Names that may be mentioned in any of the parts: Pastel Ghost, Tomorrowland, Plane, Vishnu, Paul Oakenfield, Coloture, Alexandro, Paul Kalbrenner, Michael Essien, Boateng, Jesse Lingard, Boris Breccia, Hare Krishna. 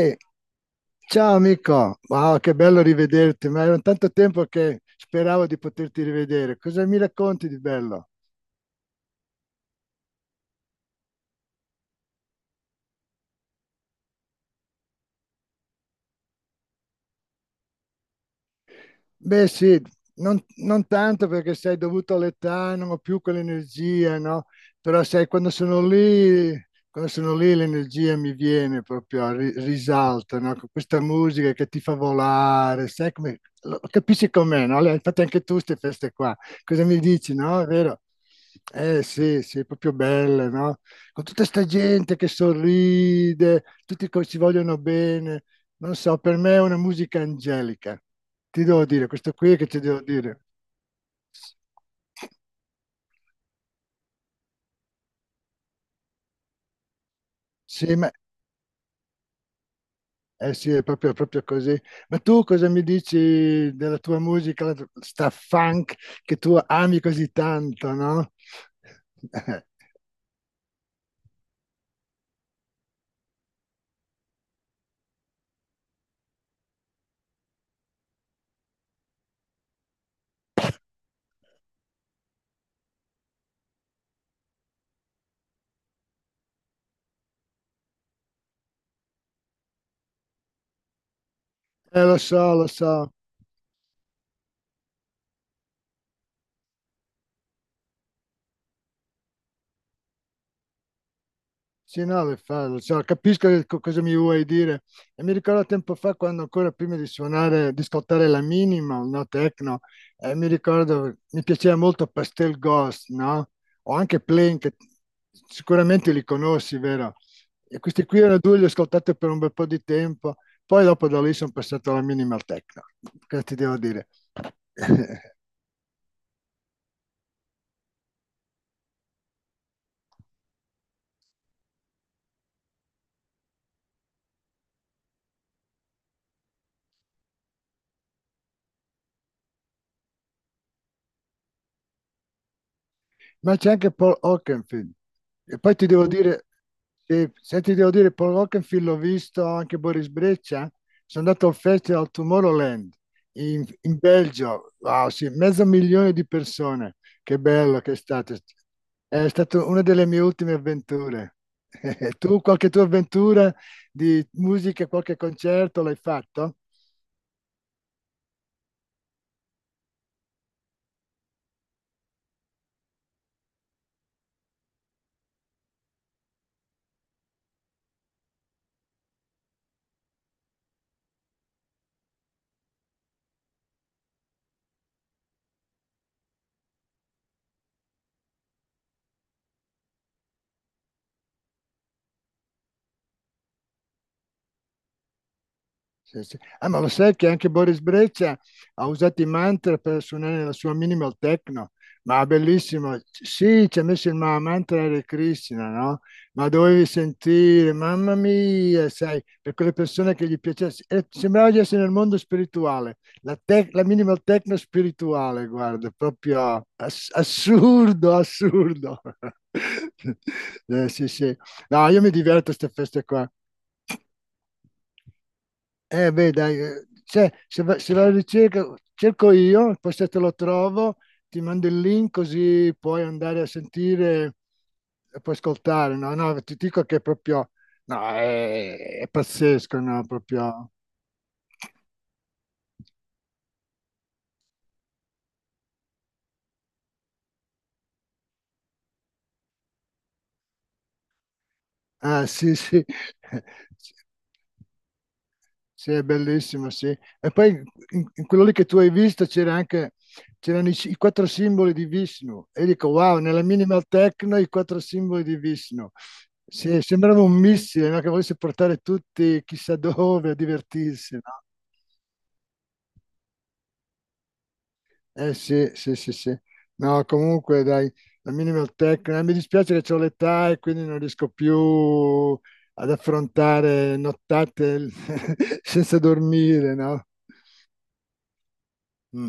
E Ciao amico, wow, che bello rivederti, ma era tanto tempo che speravo di poterti rivedere. Cosa mi racconti di bello? Beh, sì, non tanto perché sei dovuto all'età, non ho più quell'energia, no? Però sai, quando sono lì l'energia mi viene proprio, risalta, no? Con questa musica che ti fa volare, sai come, capisci com'è, no? Infatti anche tu queste feste qua, cosa mi dici, no? È vero? Eh sì, sì, proprio belle, no? Con tutta sta gente che sorride, tutti ci vogliono bene, non so, per me è una musica angelica ti devo dire, questo qui che ti devo dire. Sì, ma eh sì, è proprio, proprio così. Ma tu cosa mi dici della tua musica, la, sta funk che tu ami così tanto, no? Lo so, lo so. Sì, no, lo so, capisco che cosa mi vuoi dire. E mi ricordo tempo fa, quando ancora prima di suonare, di scottare la minimal, no, techno, mi ricordo, mi piaceva molto Pastel Ghost, no? O anche Plane, che sicuramente li conosci, vero? E questi qui erano due, li ho ascoltati per un bel po' di tempo, poi dopo da lì sono passato alla minimal techno, che ti devo dire. Ma c'è anche Paul Oakenfield. E poi ti devo dire, sì, se ti devo dire, Paul Oakenfield l'ho visto anche Boris Breccia. Sono andato al Festival Tomorrowland in, in Belgio. Wow, sì, mezzo milione di persone. Che bello che è stato. È stata una delle mie ultime avventure. Tu, qualche tua avventura di musica, qualche concerto l'hai fatto? Sì, sì. Ah, ma lo sai che anche Boris Breccia ha usato i mantra per suonare la sua minimal techno? Ma bellissimo. Sì, ci ha messo il mantra Hare Krishna, no? Ma dovevi sentire, mamma mia, sai, per quelle persone che gli piacesse. Sembrava di essere nel mondo spirituale, la, la minimal techno spirituale, guarda, proprio assurdo, assurdo. Sì, sì. No, io mi diverto a queste feste qua. Eh beh, dai, cioè, se, se la ricerca, cerco io, poi se te lo trovo, ti mando il link così puoi andare a sentire e puoi ascoltare. No, no, ti dico che è proprio, no, è pazzesco, no, proprio. Ah, sì, sì. Sì, è bellissimo, sì. E poi in, in quello lì che tu hai visto c'era anche, c'erano i, i quattro simboli di Vishnu. E dico, wow, nella minimal techno i quattro simboli di Vishnu. Sì, sembrava un missile, no? Che volesse portare tutti chissà dove a divertirsi, no? Eh sì, sì, sì, sì. No, comunque dai, la minimal techno. Eh, mi dispiace che ho l'età e quindi non riesco più ad affrontare nottate senza dormire, no? Mm.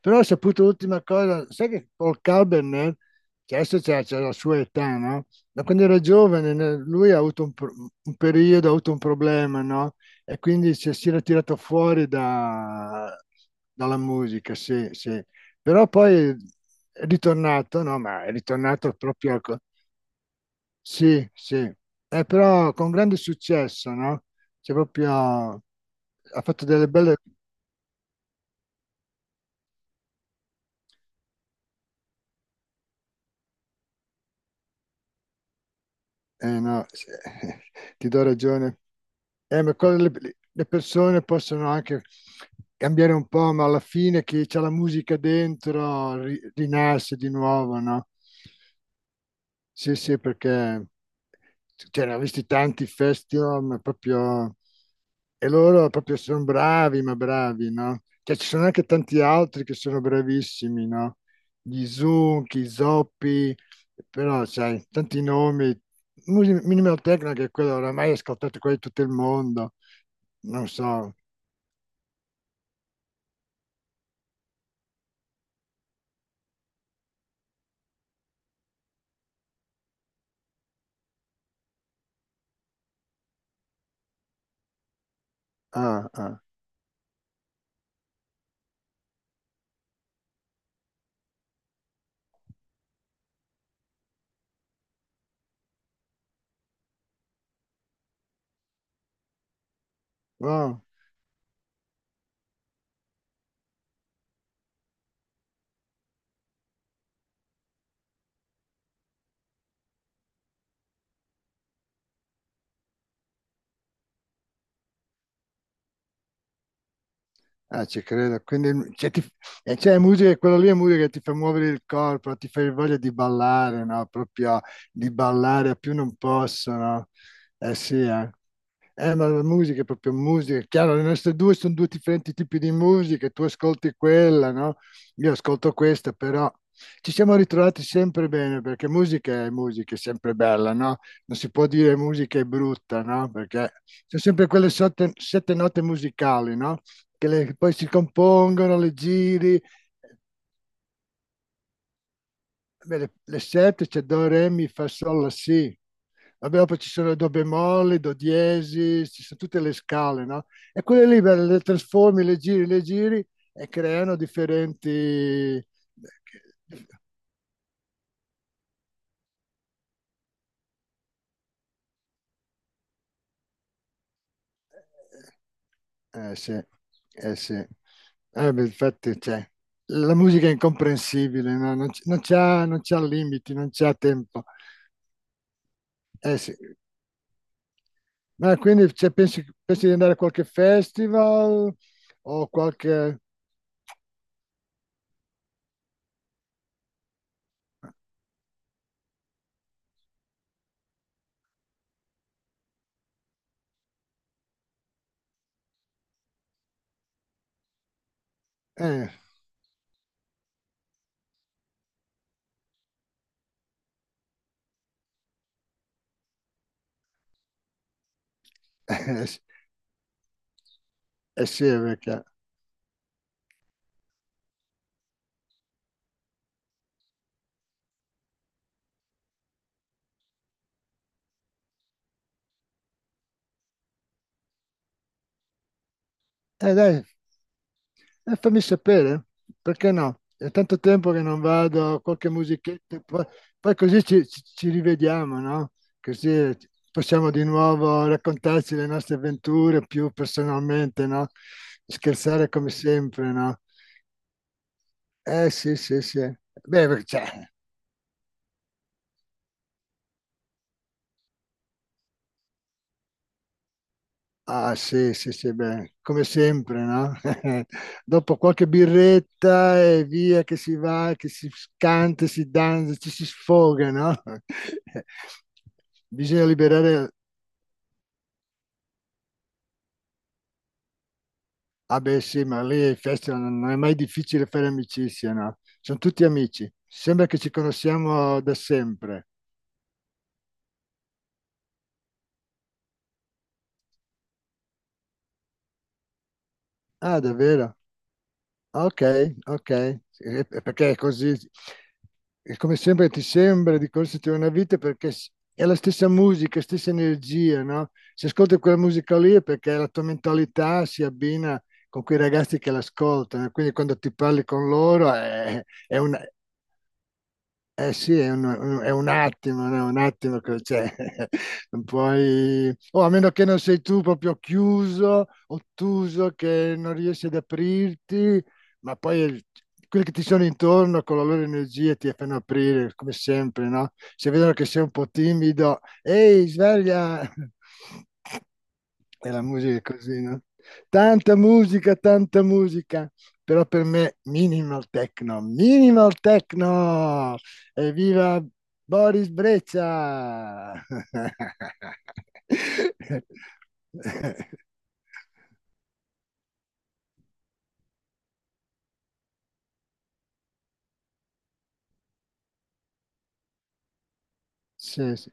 Però ho saputo l'ultima cosa, sai che Paul Kalbrenner, che adesso c'è la sua età, no? Ma quando era giovane lui ha avuto un periodo, ha avuto un problema, no? E quindi si era tirato fuori dalla musica, sì, sì. Però poi è ritornato, no? Ma è ritornato proprio... Sì, sì. Però con grande successo, no? C'è proprio... Ha fatto delle belle... Eh no, sì, ti do ragione. Ma cosa le persone possono anche cambiare un po', ma alla fine chi c'ha la musica dentro rinasce di nuovo, no? Sì, sì, perché cioè, ne ho visti tanti festival, ma proprio... E loro proprio sono bravi, ma bravi, no? Cioè, ci sono anche tanti altri che sono bravissimi, no? Gli Zucchi, Zoppi, però, sai, tanti nomi. Minimal Techno, che è quello oramai ascoltato qua in tutto il mondo. Non so. Ah, ah. Wow. Ah, ci credo. Quindi, cioè, cioè, è musica, quello lì è musica che ti fa muovere il corpo, ti fa voglia di ballare, no? Proprio di ballare a più non posso, no? Eh sì, eh. Ma la musica è proprio musica, è chiaro, le nostre due sono due differenti tipi di musica, tu ascolti quella, no? Io ascolto questa, però ci siamo ritrovati sempre bene perché musica, è sempre bella, no? Non si può dire musica è brutta, no? Perché sono sempre quelle sette, sette note musicali, no? Che poi si compongono, le giri, beh, le sette c'è Do, Re, Mi, Fa, Sol, La, Si. Vabbè, poi ci sono do bemolle, do diesis, ci sono tutte le scale, no? E quelle lì beh, le trasformi, le giri e creano differenti... Eh sì, eh sì. Beh, infatti, cioè, la musica è incomprensibile, no? Non, non c'ha limiti, non c'ha tempo. Eh sì. Ma quindi cioè, pensi di andare a qualche festival o qualche... Eh, eh sì, eh sì, perché... dai, e fammi sapere, perché no? È tanto tempo che non vado, qualche musichetta, poi, poi così ci rivediamo, no? Così possiamo di nuovo raccontarci le nostre avventure più personalmente, no? Scherzare come sempre, no? Eh sì, sì, sì. Beh, cioè, ah sì, sì, sì, beh, come sempre, no? Dopo qualche birretta e via che si va, che si canta, si danza, ci si sfoga, no? Bisogna liberare... Ah beh sì, ma lì ai festival non è mai difficile fare amicizia, no? Sono tutti amici, sembra che ci conosciamo da sempre. Ah, davvero? Ok, ok, sì, è perché è così. E come sempre ti sembra di correrti una vita perché è la stessa musica, stessa energia, no? Se ascolti quella musica lì è perché la tua mentalità si abbina con quei ragazzi che l'ascoltano, quindi quando ti parli con loro è, eh sì, è un attimo, no, un attimo che cioè, non puoi o a meno che non sei tu proprio chiuso, ottuso, che non riesci ad aprirti, ma poi quelli che ti sono intorno con la loro energia ti fanno aprire, come sempre, no? Se vedono che sei un po' timido, ehi, sveglia! E la musica è così, no? Tanta musica, però per me minimal techno, minimal techno! Evviva Boris Breccia! Sì, sì.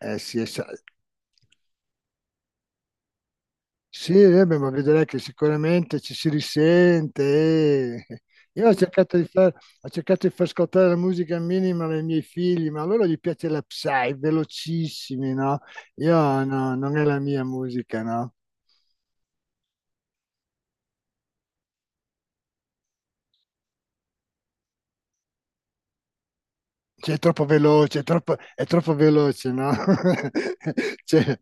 Sì, sì, eh beh, ma vedrai che sicuramente ci si risente. e- Io ho cercato di far ascoltare la musica minima ai miei figli, ma a loro gli piace la psy, velocissimi, no? Io no, non è la mia musica, no? Cioè, è troppo veloce, è troppo veloce, no? Cioè,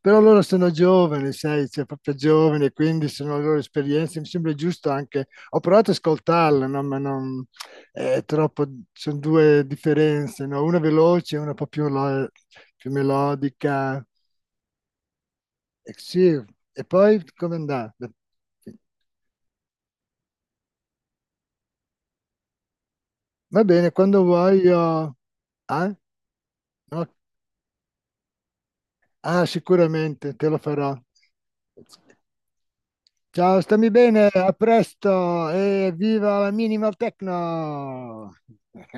però loro sono giovani, sai, cioè, proprio giovani, quindi sono le loro esperienze. Mi sembra giusto anche. Ho provato ad ascoltarla, no? Ma non è troppo. Sono due differenze, no? Una veloce, una un po' più, più melodica. E, sì. E poi come andà? Va bene, quando vuoi io. Ah? No? Ah, sicuramente te lo farò. Ciao, stammi bene, a presto e viva la minimal techno!